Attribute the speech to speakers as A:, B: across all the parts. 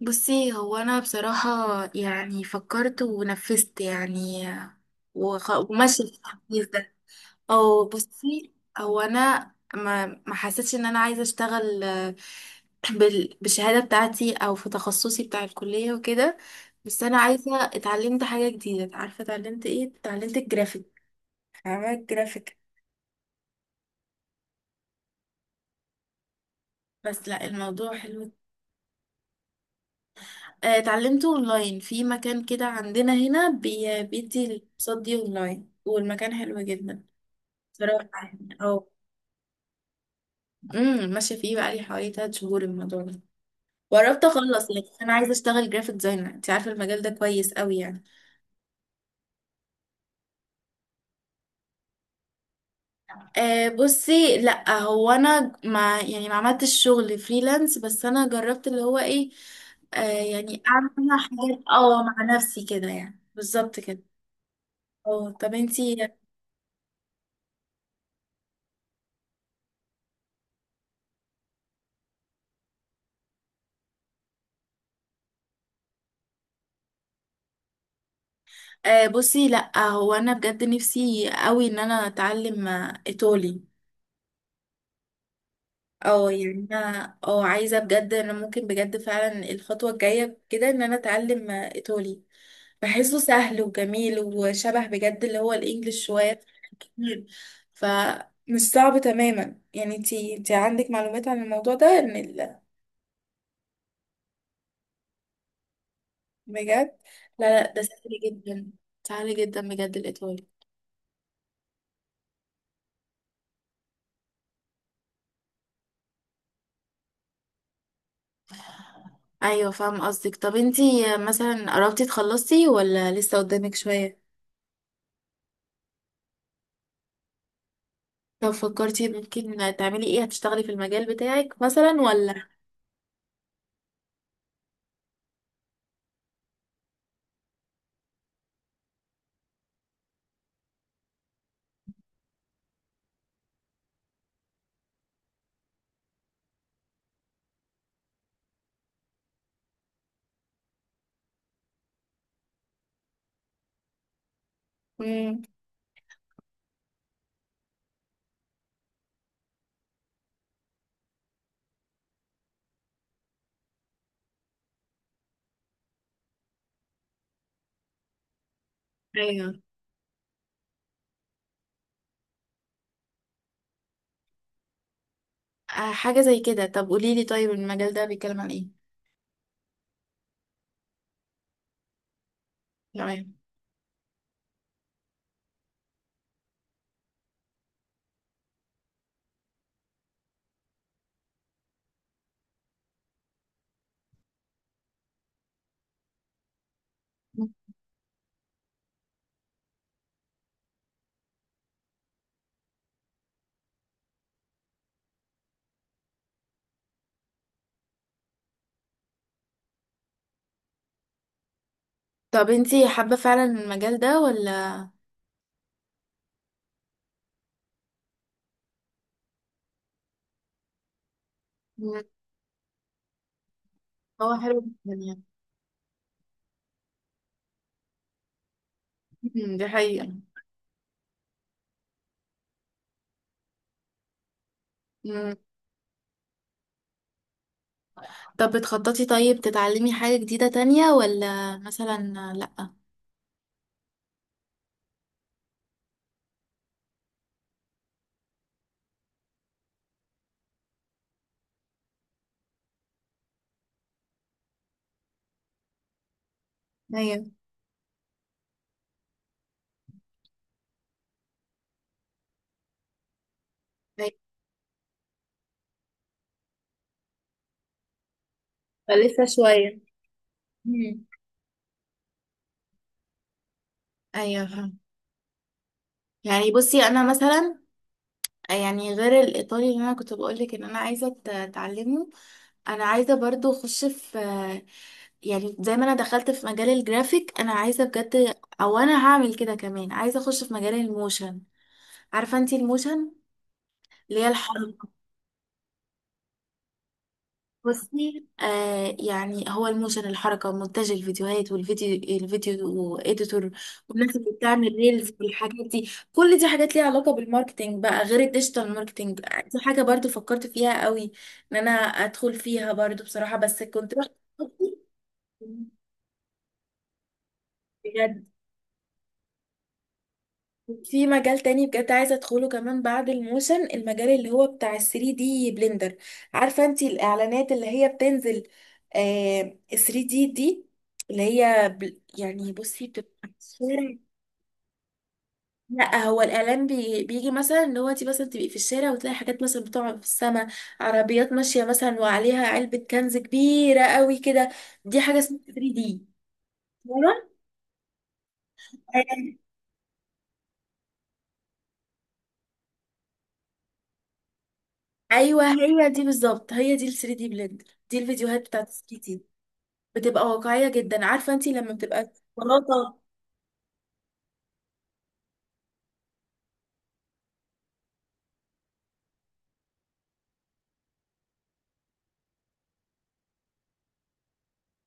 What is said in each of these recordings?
A: بصي، هو انا بصراحة يعني فكرت ونفذت يعني. وماشية في التحفيز ده. او بصي، هو انا ما حسيتش ان انا عايزة اشتغل بالشهادة بتاعتي او في تخصصي بتاع الكلية وكده. بس انا عايزة اتعلمت حاجة جديدة، عارفة اتعلمت ايه؟ اتعلمت الجرافيك. فاهمة الجرافيك؟ بس لا، الموضوع حلو. اتعلمته اونلاين في مكان كده عندنا هنا بيدي الكورسات دي اونلاين، والمكان حلو جدا. صراحة يعني، اه. ماشية فيه بقالي حوالي تلات شهور الموضوع ده. وقربت اخلص، لكن انا عايزة اشتغل جرافيك ديزاينر. انت عارفة المجال ده كويس قوي يعني. أه بصي، لا هو انا ما يعني ما عملتش شغل فريلانس، بس انا جربت اللي هو ايه، أه يعني اعمل حاجات، اه مع نفسي كده، يعني بالظبط كده. اه طب انتي؟ آه بصي، لا هو انا بجد نفسي قوي ان انا اتعلم ايطالي. اه يعني انا اه عايزه بجد، انا ممكن بجد فعلا الخطوه الجايه كده ان انا اتعلم ايطالي. بحسه سهل وجميل وشبه بجد اللي هو الانجليش شويه كتير. فمش صعب تماما يعني. انتي عندك معلومات عن الموضوع ده ان بجد؟ لا لا ده سهل جدا، سهل جدا بجد الايطالي. ايوه فاهم قصدك. طب انتي مثلا قربتي تخلصي ولا لسه قدامك شوية؟ طب فكرتي ممكن تعملي ايه؟ هتشتغلي في المجال بتاعك مثلا ولا؟ مم. ايوه. حاجة زي كده. طب قوليلي، طيب المجال ده بيتكلم عن ايه؟ تمام. طب انتي حابة فعلا المجال ده ولا؟ مم. هو حلو جدا يعني. مم، دي حقيقة. مم. طب بتخططي طيب تتعلمي حاجة جديدة تانية ولا مثلا؟ لأ. ايوه. أيوة. لسه شوية. مم. ايوه فاهمة. يعني بصي انا مثلا، يعني غير الايطالي اللي انا كنت بقولك ان انا عايزه اتعلمه. انا عايزه برضو اخش في، يعني زي ما انا دخلت في مجال الجرافيك، انا عايزه بجد، او انا هعمل كده كمان، عايزه اخش في مجال الموشن. عارفه انتي الموشن اللي هي الحركه؟ بصي آه يعني، هو الموشن الحركة مونتاج الفيديوهات والفيديو اديتور. والناس اللي بتعمل ريلز والحاجات دي، كل دي حاجات ليها علاقة بالماركتينج بقى، غير الديجيتال ماركتينج دي حاجة برضو فكرت فيها قوي ان انا ادخل فيها برضو بصراحة، بس كنت رحت بجد في مجال تاني بجد عايزة ادخله كمان بعد الموشن، المجال اللي هو بتاع ال 3 دي بلندر. عارفة انتي الاعلانات اللي هي بتنزل؟ آه 3 دي دي اللي هي بل يعني بصي بتبقى في الشارع. لا هو الاعلان بيجي مثلا ان هو انتي مثلا تبقي في الشارع وتلاقي حاجات مثلا بتقع في السماء، عربيات ماشية مثلا وعليها علبة كنز كبيرة قوي كده. دي حاجة اسمها 3 دي. ايوه هي دي بالظبط، هي دي ال 3 دي بلندر، دي الفيديوهات بتاعت ال 3 دي. بتبقى واقعية جدا. عارفة انتي لما بتبقى الشوكولاتة؟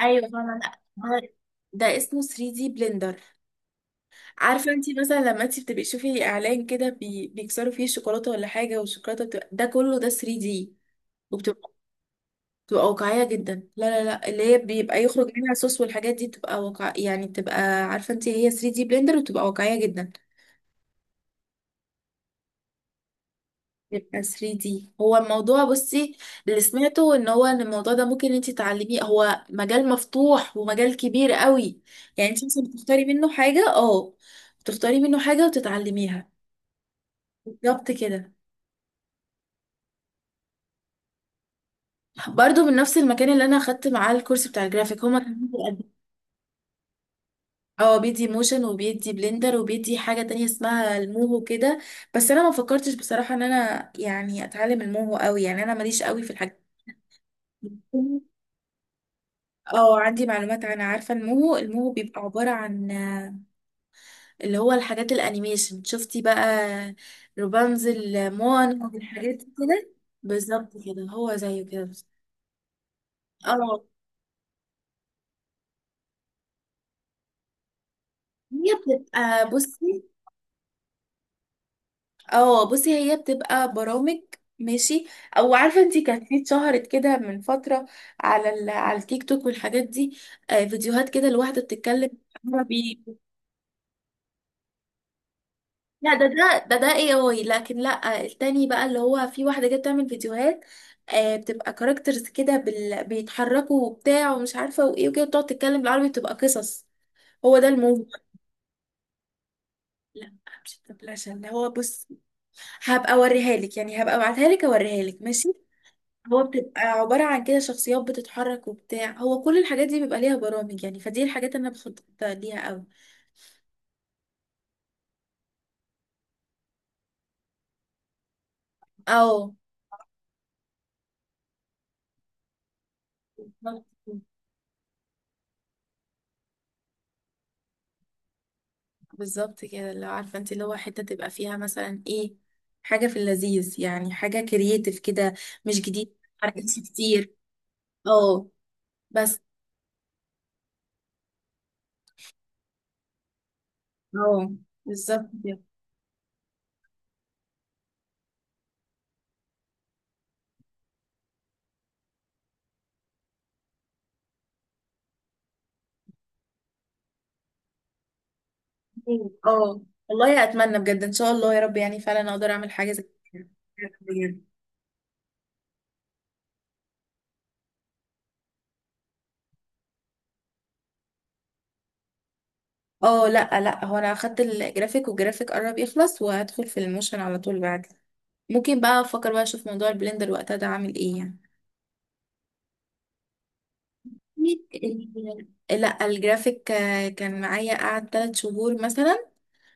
A: ايوه فاهمة. لا ده، اسمه 3D بلندر. عارفة انتي مثلا لما انتي بتبقي تشوفي اعلان كده بيكسروا فيه الشوكولاتة ولا حاجة، والشوكولاتة بتبقى، ده كله ده 3D. وبتبقى بتبقى واقعية جدا. لا لا لا، اللي هي بيبقى يخرج منها صوص والحاجات دي بتبقى واقع يعني، بتبقى عارفة انتي هي 3D بلندر وبتبقى واقعية جدا. يبقى 3D. هو الموضوع بصي، اللي سمعته ان هو ان الموضوع ده ممكن انت تعلميه، هو مجال مفتوح ومجال كبير قوي يعني. انت مثلا بتختاري منه حاجة، اه بتختاري منه حاجة وتتعلميها. بالظبط كده. برضو من نفس المكان اللي انا اخدت معاه الكورس بتاع الجرافيك، هما كانوا اه بيدي موشن وبيدي بلندر وبيدي حاجة تانية اسمها الموهو كده. بس انا ما فكرتش بصراحة ان انا يعني اتعلم الموهو قوي يعني، انا ماليش قوي في الحاجات. اه عندي معلومات عن، عارفة الموهو؟ الموهو بيبقى عبارة عن اللي هو الحاجات الانيميشن. شفتي بقى روبانزل، موان والحاجات دي كده؟ بالظبط كده، هو زيه كده بالظبط. اه هي بتبقى بصي، اه بصي هي بتبقى برامج. ماشي. او عارفه انتي كانت في اتشهرت كده من فتره على على التيك توك والحاجات دي. آه فيديوهات كده لواحده بتتكلم عربي. لا ده اي اي لكن لا التاني بقى، اللي هو في واحدة جت تعمل فيديوهات آه بتبقى كاركترز كده بيتحركوا وبتاع ومش عارفة وايه وكده، بتقعد تتكلم بالعربي، بتبقى قصص. هو ده الموضوع. لا مش الدبلجة، اللي هو بص، هبقى اوريها لك يعني، هبقى ابعتها لك، اوريها لك ماشي. هو بتبقى عبارة عن كده شخصيات بتتحرك وبتاع، هو كل الحاجات دي بيبقى ليها برامج يعني، فدي الحاجات اللي انا بخطط ليها قوي. اه بالظبط كده اللي هو عارفه انت، اللي هو حته تبقى فيها مثلا ايه، حاجه في اللذيذ يعني، حاجه كرييتيف كده، مش جديد حركتش كتير. اه. بس. اه بالظبط كده. اه والله اتمنى بجد ان شاء الله يا رب، يعني فعلا اقدر اعمل حاجه زي كده. بجد. اه لا لا هو انا اخدت الجرافيك والجرافيك قرب يخلص، وهدخل في الموشن على طول بعد. ممكن بقى افكر بقى اشوف موضوع البلندر وقتها ده عامل ايه يعني. لا الجرافيك كان معايا قعد تلات شهور مثلا.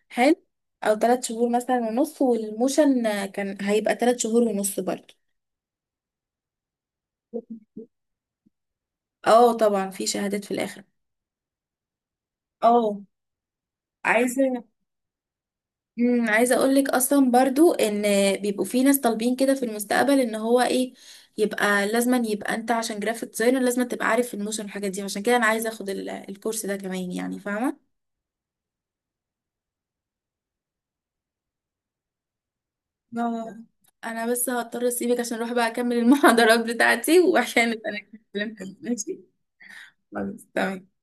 A: حلو. او تلات شهور مثلا ونص، والموشن كان هيبقى تلات شهور ونص برضه. اه طبعا في شهادات في الاخر. اه عايزه، عايزه اقول لك اصلا برضو ان بيبقوا في ناس طالبين كده في المستقبل ان هو ايه، يبقى لازما يبقى انت عشان جرافيك ديزاينر لازم تبقى عارف الموشن والحاجات دي، عشان كده انا عايزه اخد الكورس ده كمان يعني فاهمه. اه انا بس هضطر اسيبك عشان اروح بقى اكمل المحاضرات بتاعتي وعشان انا كده ماشي. خلاص، تمام.